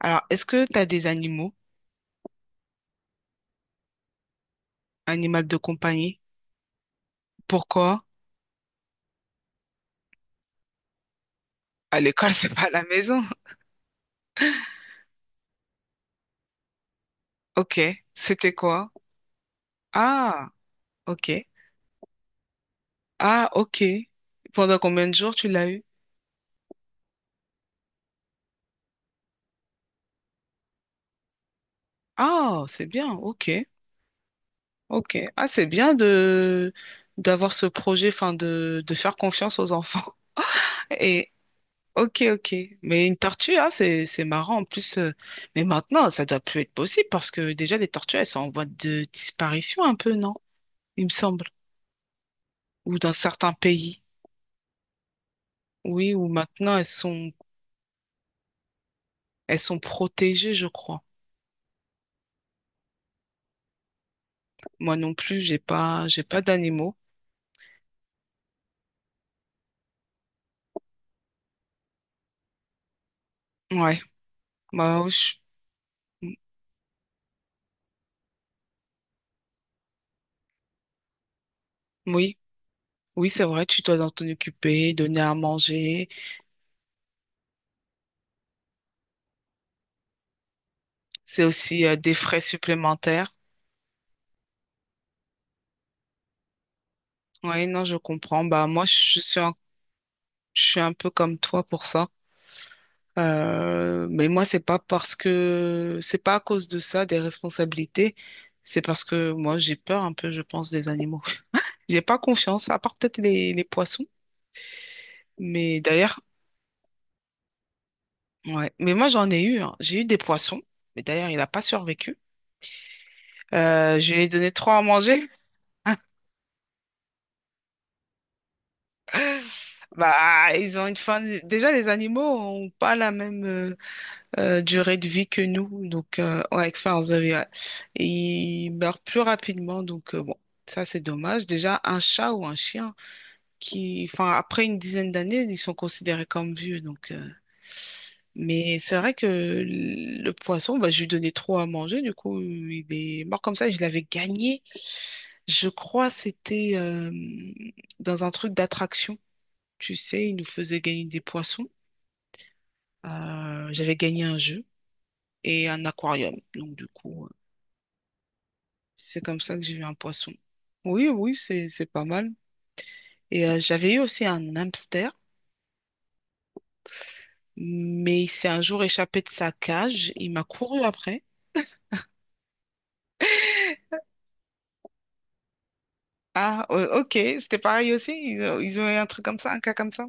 Alors, est-ce que tu as des animaux, animal de compagnie? Pourquoi? À l'école, c'est pas à la maison. Ok, c'était quoi? Ah, ok. Ah, ok. Pendant combien de jours tu l'as eu? Ah, c'est bien, ok, ok. Ah, c'est bien de d'avoir ce projet, enfin de faire confiance aux enfants. Et ok, ok. Mais une tortue, ah, c'est marrant. En plus, mais maintenant, ça doit plus être possible parce que déjà les tortues, elles sont en voie de disparition un peu, non? Il me semble. Ou dans certains pays, oui, où maintenant elles sont protégées, je crois. Moi non plus, j'ai pas d'animaux. Ouais, bah oui, oui, oui, c'est vrai, tu dois t'en occuper, donner à manger. C'est aussi des frais supplémentaires. Oui, non, je comprends. Bah, moi, je suis un peu comme toi pour ça. Mais moi, c'est pas à cause de ça, des responsabilités. C'est parce que moi, j'ai peur un peu, je pense, des animaux. J'ai pas confiance, à part peut-être les poissons. Mais d'ailleurs, ouais. Mais moi, j'en ai eu, hein. J'ai eu des poissons. Mais d'ailleurs, il n'a pas survécu. Je lui ai donné trois à manger. Bah, ils ont une fin. Déjà, les animaux ont pas la même durée de vie que nous. Donc, ouais, expérience de vie, ouais. Ils meurent plus rapidement. Donc, bon, ça, c'est dommage. Déjà, un chat ou un chien qui, enfin, après une dizaine d'années, ils sont considérés comme vieux. Donc, mais c'est vrai que le poisson, bah, je lui donnais trop à manger, du coup, il est mort comme ça. Je l'avais gagné. Je crois c'était dans un truc d'attraction. Tu sais, il nous faisait gagner des poissons. J'avais gagné un jeu et un aquarium. Donc, du coup, c'est comme ça que j'ai eu un poisson. Oui, oui, c'est pas mal. Et j'avais eu aussi un hamster, mais il s'est un jour échappé de sa cage. Il m'a couru après. Ah, ok, c'était pareil aussi. Ils ont eu un truc comme ça, un cas comme ça.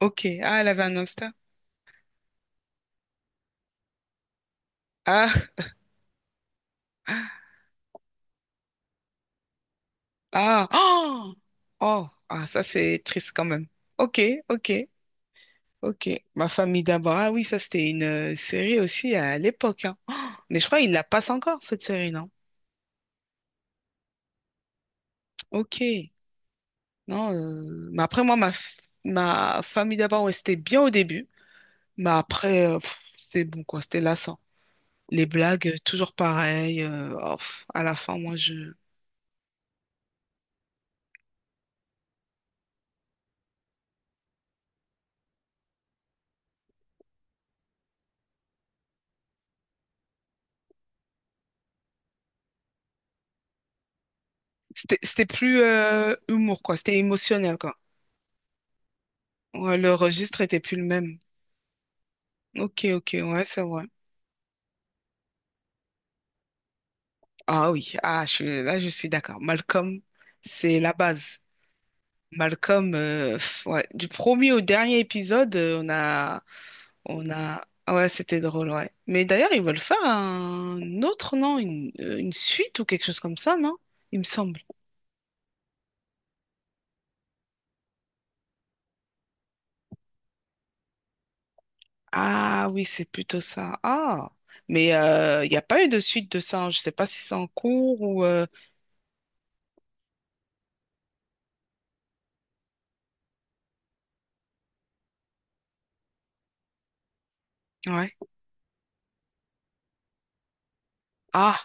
Ok, ah, elle avait un hamster. Ah, ah, oh, oh, ah, ça c'est triste quand même. Ok, ok, ok. Ma famille d'abord. Ah oui, ça c'était une série aussi à l'époque, hein. Oh, mais je crois qu'ils la passent encore cette série, non? Ok, non. Mais après moi, ma famille d'abord, ouais, c'était bien au début, mais après, c'était bon quoi, c'était lassant. Les blagues, toujours pareilles. Oh, à la fin, moi je... C'était plus humour, quoi. C'était émotionnel, quoi. Ouais, le registre était plus le même. Ok, ok, ouais, c'est vrai. Ah oui, ah, là, je suis d'accord. Malcolm, c'est la base. Malcolm, ouais, du premier au dernier épisode, on a, ah ouais, c'était drôle, ouais. Mais d'ailleurs, ils veulent faire un autre, non? Une suite ou quelque chose comme ça, non? Il me semble. Ah oui, c'est plutôt ça. Ah, mais il n'y a pas eu de suite de ça, hein. Je ne sais pas si c'est en cours ou. Ouais. Ah,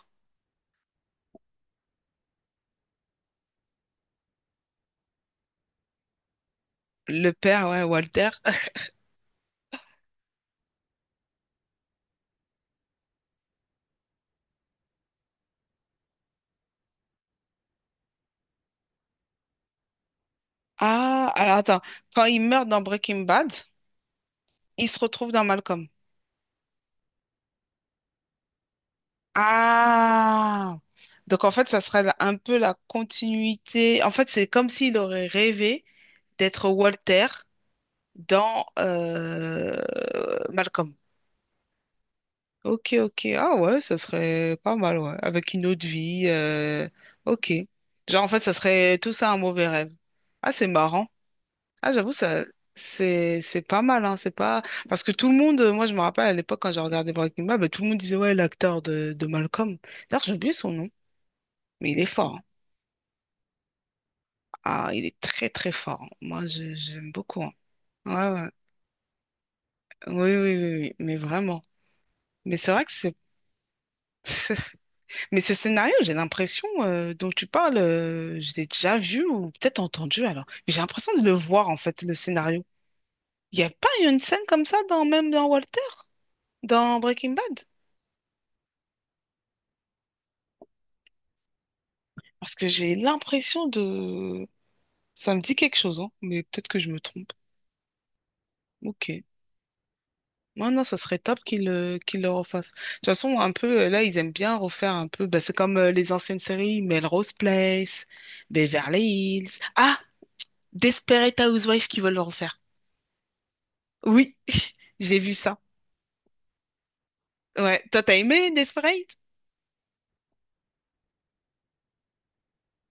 le père, ouais, Walter. Ah, alors attends. Quand il meurt dans Breaking Bad, il se retrouve dans Malcolm. Ah! Donc en fait, ça serait un peu la continuité. En fait, c'est comme s'il aurait rêvé d'être Walter dans Malcolm. Ok, ok. Ah ouais, ça serait pas mal, ouais. Avec une autre vie. Ok. Genre, en fait, ça serait tout ça un mauvais rêve. Ah, c'est marrant. Ah, j'avoue, ça, c'est pas mal, hein, c'est pas, parce que tout le monde, moi, je me rappelle à l'époque quand j'ai regardé Breaking Bad, bah, tout le monde disait, ouais, l'acteur de Malcolm. D'ailleurs, j'ai oublié son nom, mais il est fort, hein. Ah, il est très, très fort, hein. Moi, j'aime beaucoup, hein. Ouais, ouais. Oui, oui, oui, oui, mais vraiment. Mais c'est vrai que c'est, mais ce scénario, j'ai l'impression, dont tu parles, je l'ai déjà vu ou peut-être entendu, alors. Mais j'ai l'impression de le voir, en fait, le scénario. Il n'y a pas une scène comme ça dans, même dans Walter, dans Breaking Bad? Parce que j'ai l'impression de... Ça me dit quelque chose, hein, mais peut-être que je me trompe. Ok. Non, non, ça serait top qu'ils le refassent. De toute façon, un peu, là, ils aiment bien refaire un peu. Bah, c'est comme les anciennes séries, Melrose Place, Beverly Hills. Ah, Desperate Housewives qui veulent le refaire. Oui, j'ai vu ça. Ouais. Toi, t'as aimé Desperate?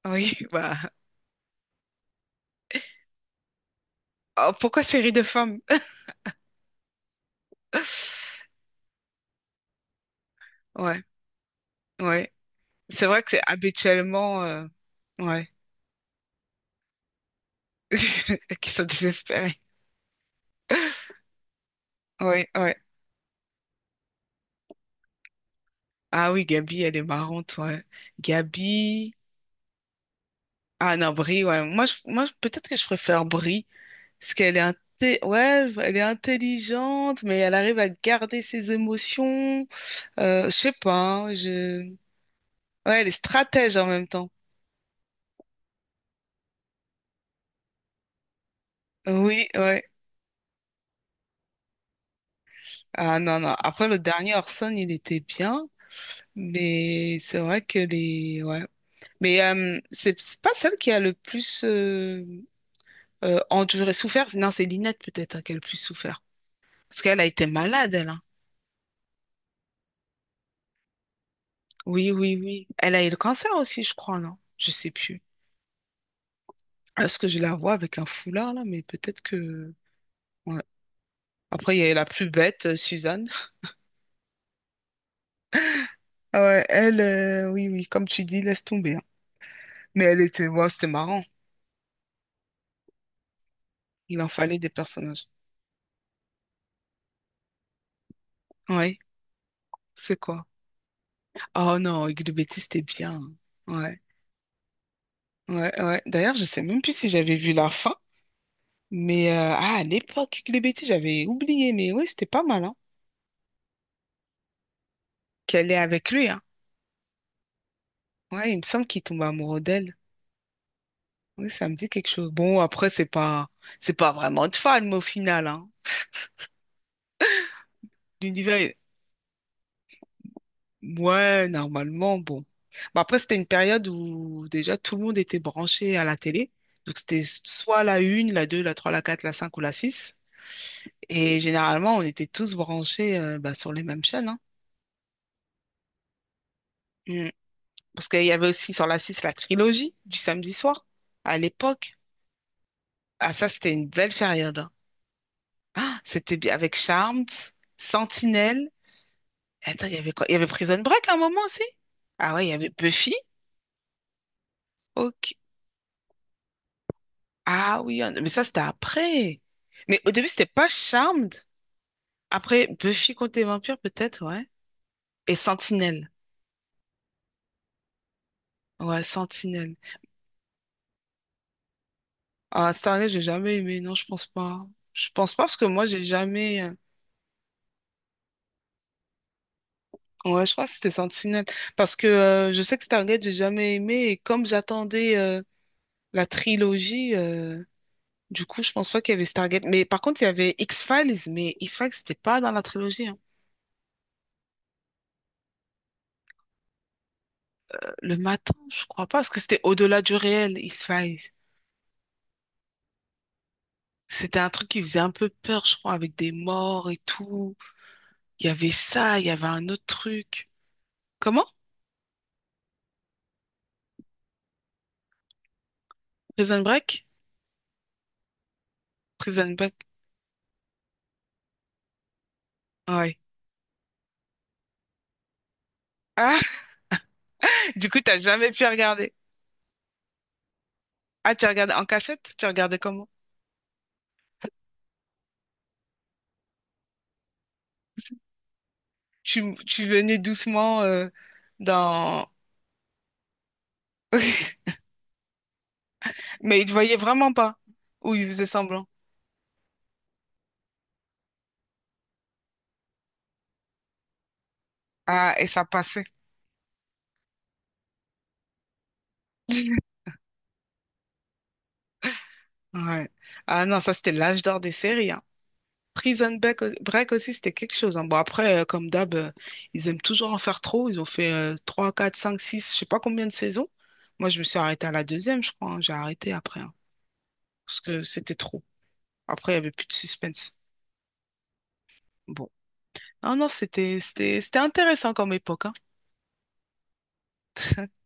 Oui, bah. Oh, pourquoi série de femmes? Ouais, ouais. C'est vrai que c'est habituellement. Ouais. Qui sont désespérés. Ouais, ouais. Ah oui, Gabi, elle est marrante, ouais. Gabi. Ah non, Brie, ouais. Peut-être que je préfère Brie, parce qu'ouais, elle est intelligente, mais elle arrive à garder ses émotions. Je sais pas, hein, je... Ouais, elle est stratège en même temps. Oui, ouais. Ah non, non. Après, le dernier Orson, il était bien, mais c'est vrai que les... Ouais. Mais c'est pas celle qui a le plus... enduré, souffert. Non, c'est Lynette peut-être hein, qui a le plus souffert. Parce qu'elle a été malade, elle, hein. Oui, oui, oui. Elle a eu le cancer aussi, je crois, non? Je sais plus. Est-ce que je la vois avec un foulard là? Mais peut-être que. Ouais. Après, il y a eu la plus bête, Suzanne. Ah ouais, oui, oui, comme tu dis, laisse tomber, hein. Mais elle était, ouais, c'était marrant. Il en fallait des personnages. Oui, c'est quoi? Oh non, Hugues de Bétis, c'était bien, hein. Ouais, ouais, ouais. D'ailleurs, je sais même plus si j'avais vu la fin. Mais ah, à l'époque, Hugues de Bétis, j'avais oublié. Mais oui, c'était pas mal, hein. Qu'elle est avec lui, hein? Ouais, il me semble qu'il tombe amoureux d'elle. Oui, ça me dit quelque chose. Bon, après, c'est pas vraiment de fan, mais au final, hein. L'univers, est- ouais, normalement, bon. Bah, après, c'était une période où déjà tout le monde était branché à la télé. Donc, c'était soit la une, la 2, la 3, la 4, la 5 ou la 6, et généralement, on était tous branchés bah, sur les mêmes chaînes, hein. Mm. Parce qu'il y avait aussi sur la 6 la trilogie du samedi soir à l'époque. Ah, ça, c'était une belle période, hein. Ah, c'était bien avec Charmed, Sentinelle... Attends, il y avait quoi? Il y avait Prison Break à un moment aussi? Ah ouais, il y avait Buffy. Ok. Ah oui, mais ça, c'était après. Mais au début, c'était pas Charmed. Après, Buffy contre les vampires, peut-être, ouais. Et Sentinelle. Ouais, Sentinelle. Ah, Stargate, j'ai jamais aimé. Non, je pense pas. Je pense pas parce que moi, j'ai jamais. Ouais, je crois que c'était Sentinelle. Parce que je sais que Stargate, j'ai jamais aimé. Et comme j'attendais la trilogie, du coup, je pense pas qu'il y avait Stargate. Mais par contre, il y avait X-Files. Mais X-Files, c'était pas dans la trilogie, hein. Le matin, je crois pas, parce que c'était au-delà du réel. C'était un truc qui faisait un peu peur, je crois, avec des morts et tout. Il y avait ça, il y avait un autre truc. Comment? Prison Break? Prison Break. Ouais. Ah, du coup, t'as jamais pu regarder. Ah, tu regardais en cachette? Tu regardais comment? Tu venais doucement dans... Mais il te voyait vraiment pas. Ou il faisait semblant. Ah, et ça passait. Ouais. Ah non, ça c'était l'âge d'or des séries, hein. Prison Break, Break aussi, c'était quelque chose, hein. Bon, après, comme d'hab, ils aiment toujours en faire trop. Ils ont fait 3, 4, 5, 6, je sais pas combien de saisons. Moi, je me suis arrêtée à la deuxième, je crois, hein. J'ai arrêté après, hein, parce que c'était trop. Après, il y avait plus de suspense. Bon. Non, non, c'était intéressant comme époque, hein.